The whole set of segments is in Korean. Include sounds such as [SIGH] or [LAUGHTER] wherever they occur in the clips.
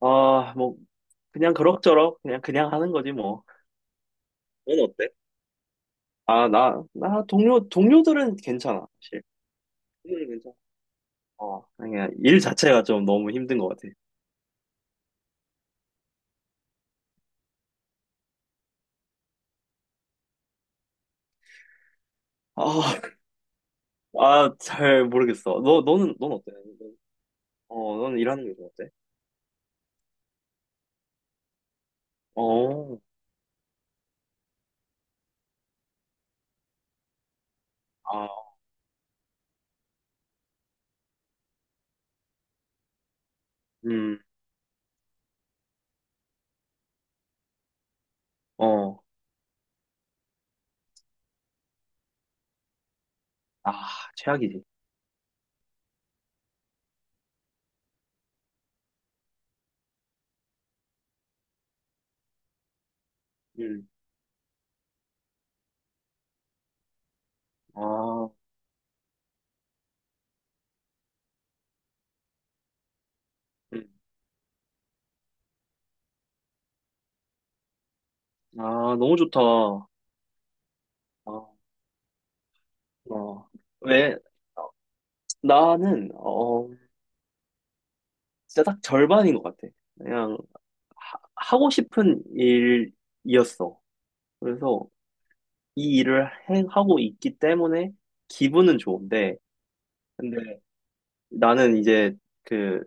아, 뭐, 그냥 그럭저럭, 그냥 하는 거지, 뭐. 넌 어때? 아, 동료들은 괜찮아, 사실. 오늘 괜찮아. 그냥 일 자체가 좀 너무 힘든 것 같아. 아, 아, 잘 모르겠어. 넌 어때? 넌- 는 일하는 게 좀 어때? 어, 아, 음, 어, 아, 최악이지. 음, 아, 음, 아, 너무 좋다. 아, 어, 왜, 어, 어, 진짜 딱 절반인 것 같아. 그냥, 하- 하고 싶은 일이었어. 그래서 이 일을 하고 있기 때문에 기분은 좋은데, 근데 나는 이제 그,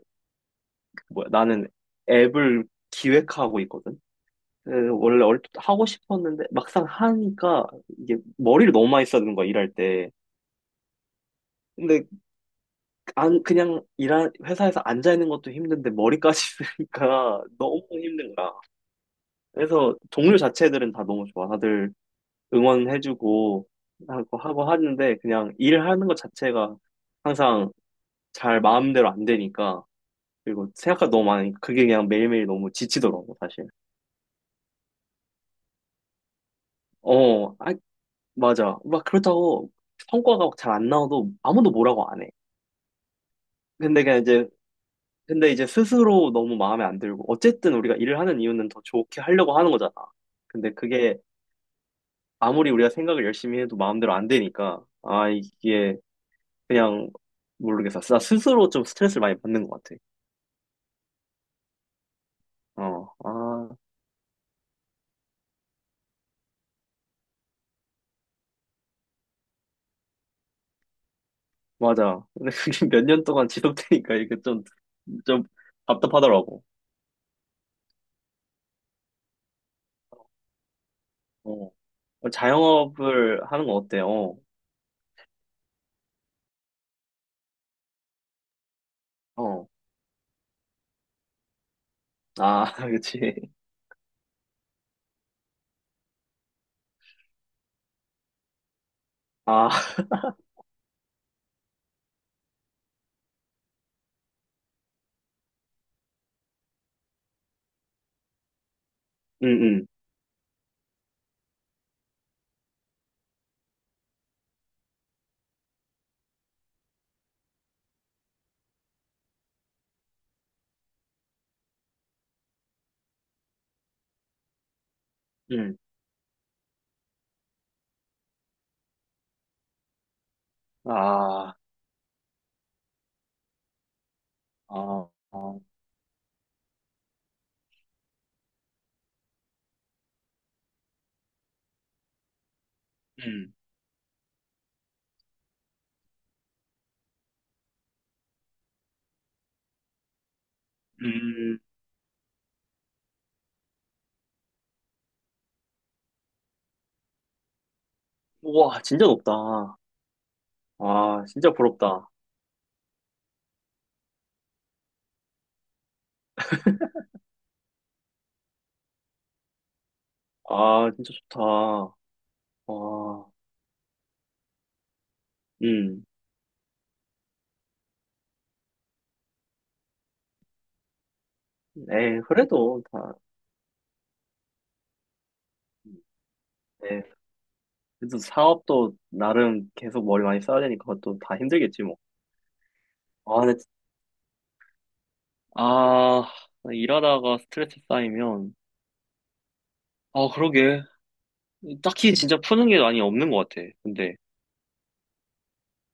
나는 앱을 기획하고 있거든. 그 원래 얼핏 하고 싶었는데 막상 하니까 이게 머리를 너무 많이 쓰는 거야, 일할 때. 근데 안 그냥 일하 회사에서 앉아 있는 것도 힘든데 머리까지 [LAUGHS] 쓰니까 너무 힘든 거야. 그래서 동료 자체들은 다 너무 좋아. 다들 응원해주고 하고, 하고 하는데 그냥 일하는 것 자체가 항상 잘 마음대로 안 되니까 그리고 생각가 너무 많으니까 그게 그냥 매일매일 너무 지치더라고 사실. 어, 아, 맞아. 막 그렇다고 성과가 잘 안 나와도 아무도 뭐라고 안 해. 근데 그냥 이제 근데 이제 스스로 너무 마음에 안 들고 어쨌든 우리가 일을 하는 이유는 더 좋게 하려고 하는 거잖아. 근데 그게 아무리 우리가 생각을 열심히 해도 마음대로 안 되니까 아 이게 그냥 모르겠어. 나 스스로 좀 스트레스를 많이 받는 것 같아. 어, 아, 맞아. 근데 그게 [LAUGHS] 몇 년 동안 지속되니까 이게 좀, 좀 답답하더라고. 어. 어, 자영업을 하는 거 어때? 어, 어. 아, [LAUGHS] 그치. 아, [LAUGHS] 응, 응, 응. 아, 아, 아. 음, 음. 우와, 진짜 높다. 아, 진짜 부럽다. 아, 진짜 좋다. 와, 음. 에, 그래도 다, 에 그래도 사업도 나름 계속 머리 많이 써야 되니까 그것도 다 힘들겠지 뭐. 아, 근데, 아, 일하다가 스트레스 쌓이면, 아, 그러게. 딱히 진짜 푸는 게 많이 없는 것 같아. 근데,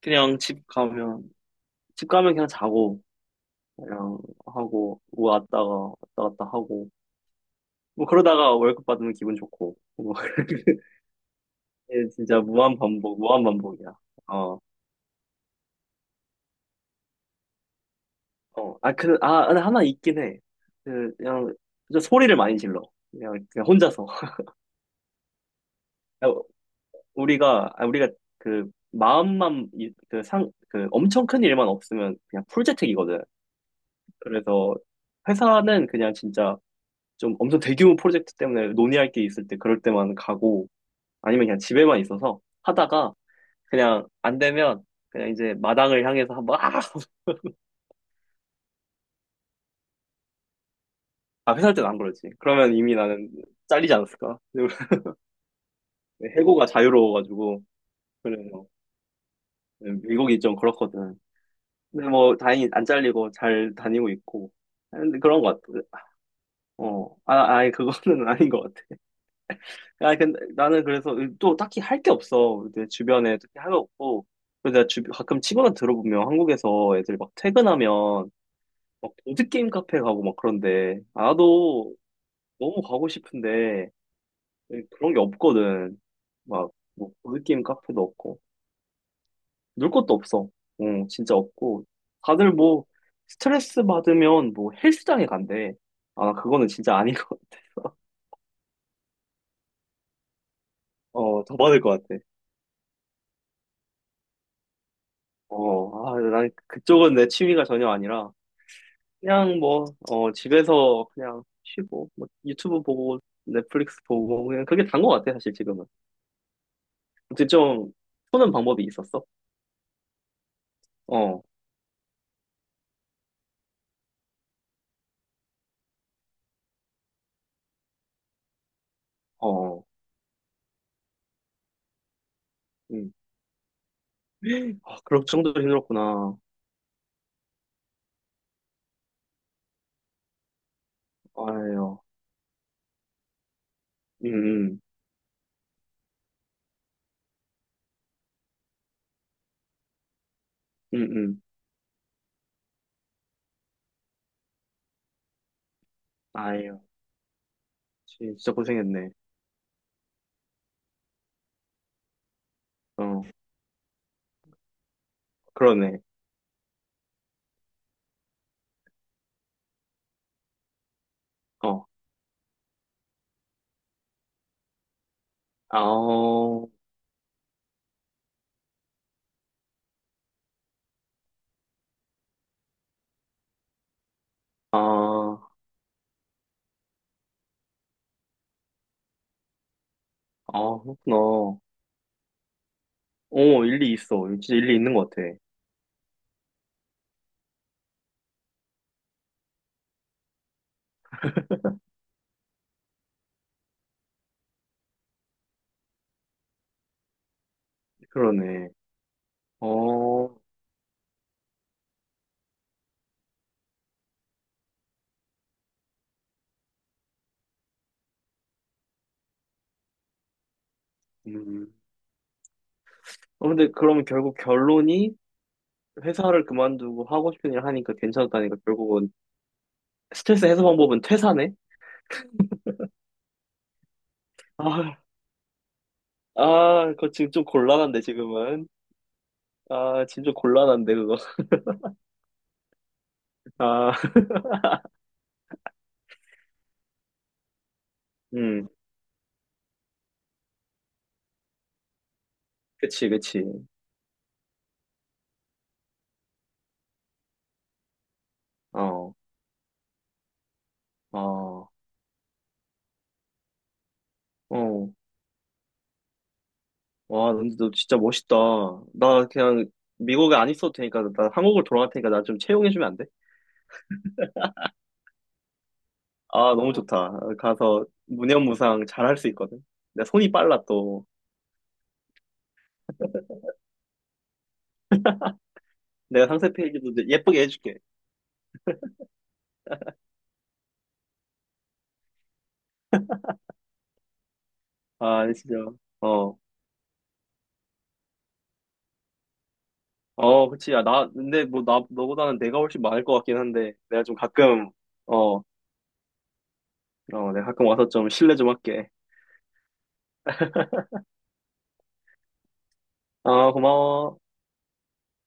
그냥 집 가면, 집 가면 그냥 자고, 그냥 뭐 왔다 갔다 하고, 뭐 그러다가 월급 받으면 기분 좋고, 뭐, [LAUGHS] 이게 진짜 무한 반복이야. 어, 어. 아, 그, 아, 근데 하나 있긴 해. 그냥, 진짜 소리를 많이 질러. 그냥 혼자서. 야, 우리가 그 마음만 그 상 그 엄청 큰 일만 없으면 그냥 풀재택이거든. 그래서 회사는 그냥 진짜 좀 엄청 대규모 프로젝트 때문에 논의할 게 있을 때 그럴 때만 가고 아니면 그냥 집에만 있어서 하다가 그냥 안 되면 그냥 이제 마당을 향해서 막 [LAUGHS] 아, 아, 회사할 때는 안 그러지. 그러면 이미 나는 잘리지 않았을까? [LAUGHS] 해고가 자유로워가지고 그래서 네, 미국이 좀 그렇거든. 근데 뭐 다행히 안 잘리고 잘 다니고 있고 근데 그런 것 같아. 어, 아, 아니 그거는 [LAUGHS] 아닌 것 같아. 아, 근데 나는 그래서 또 딱히 할 게 없어. 내 주변에 특히 할 거 없고. 그래서 내가 주, 가끔 친구들 들어보면 한국에서 애들 막 퇴근하면 막 보드 게임 카페 가고 막 그런데 나도 너무 가고 싶은데 그런 게 없거든. 막 뭐 보드 게임 카페도 없고. 놀 것도 없어. 어, 진짜 없고. 다들 뭐, 스트레스 받으면 뭐 헬스장에 간대. 아, 그거는 진짜 아닌 [LAUGHS] 것 같아서. 어, 더 받을 것 같아. 어, 아, 난 그쪽은 내 취미가 전혀 아니라, 그냥 뭐, 어, 집에서 그냥 쉬고, 뭐, 유튜브 보고, 넷플릭스 보고, 그냥 그게 단 것 같아, 사실 지금은. 근데 좀, 푸는 방법이 있었어? 어, 어, 어. 음. 아, 그럴 정도로 힘들었구나. 아유, 음, 음, 음, 음. 아유, 진짜 고생했네. 어, 그러네. 어, 아, 어, 아, 아, 그렇구나. 어, 일리 있어. 진짜 일리 있는 것 같아. 그러네. 어, 음. 어, 근데 그러면 결국 결론이 회사를 그만두고 하고 싶은 일 하니까 괜찮았다니까 결국은 스트레스 해소 방법은 퇴사네? 아, 아, 그거 지금 좀 곤란한데, 지금은. 아, 지금 좀 곤란한데, 그거. [LAUGHS] 아, 음, 그치, 그치. 어, 어, 어. 와, 근데 너 진짜 멋있다. 나 그냥 미국에 안 있어도 되니까, 나 한국으로 돌아갈 테니까 나 좀 채용해주면 안 돼? 아, 너무 좋다. 가서 무념무상 잘 할 수 있거든. 내가 손이 빨라, 또. 내가 상세 페이지도 예쁘게 해줄게. 아, 진짜. 어. 어, 그치. 근데 뭐, 나, 너보다는 내가 훨씬 많을 것 같긴 한데, 내가 좀 가끔, 어, 어, 내가 가끔 와서 좀 실례 좀 할게. 아, 고마워.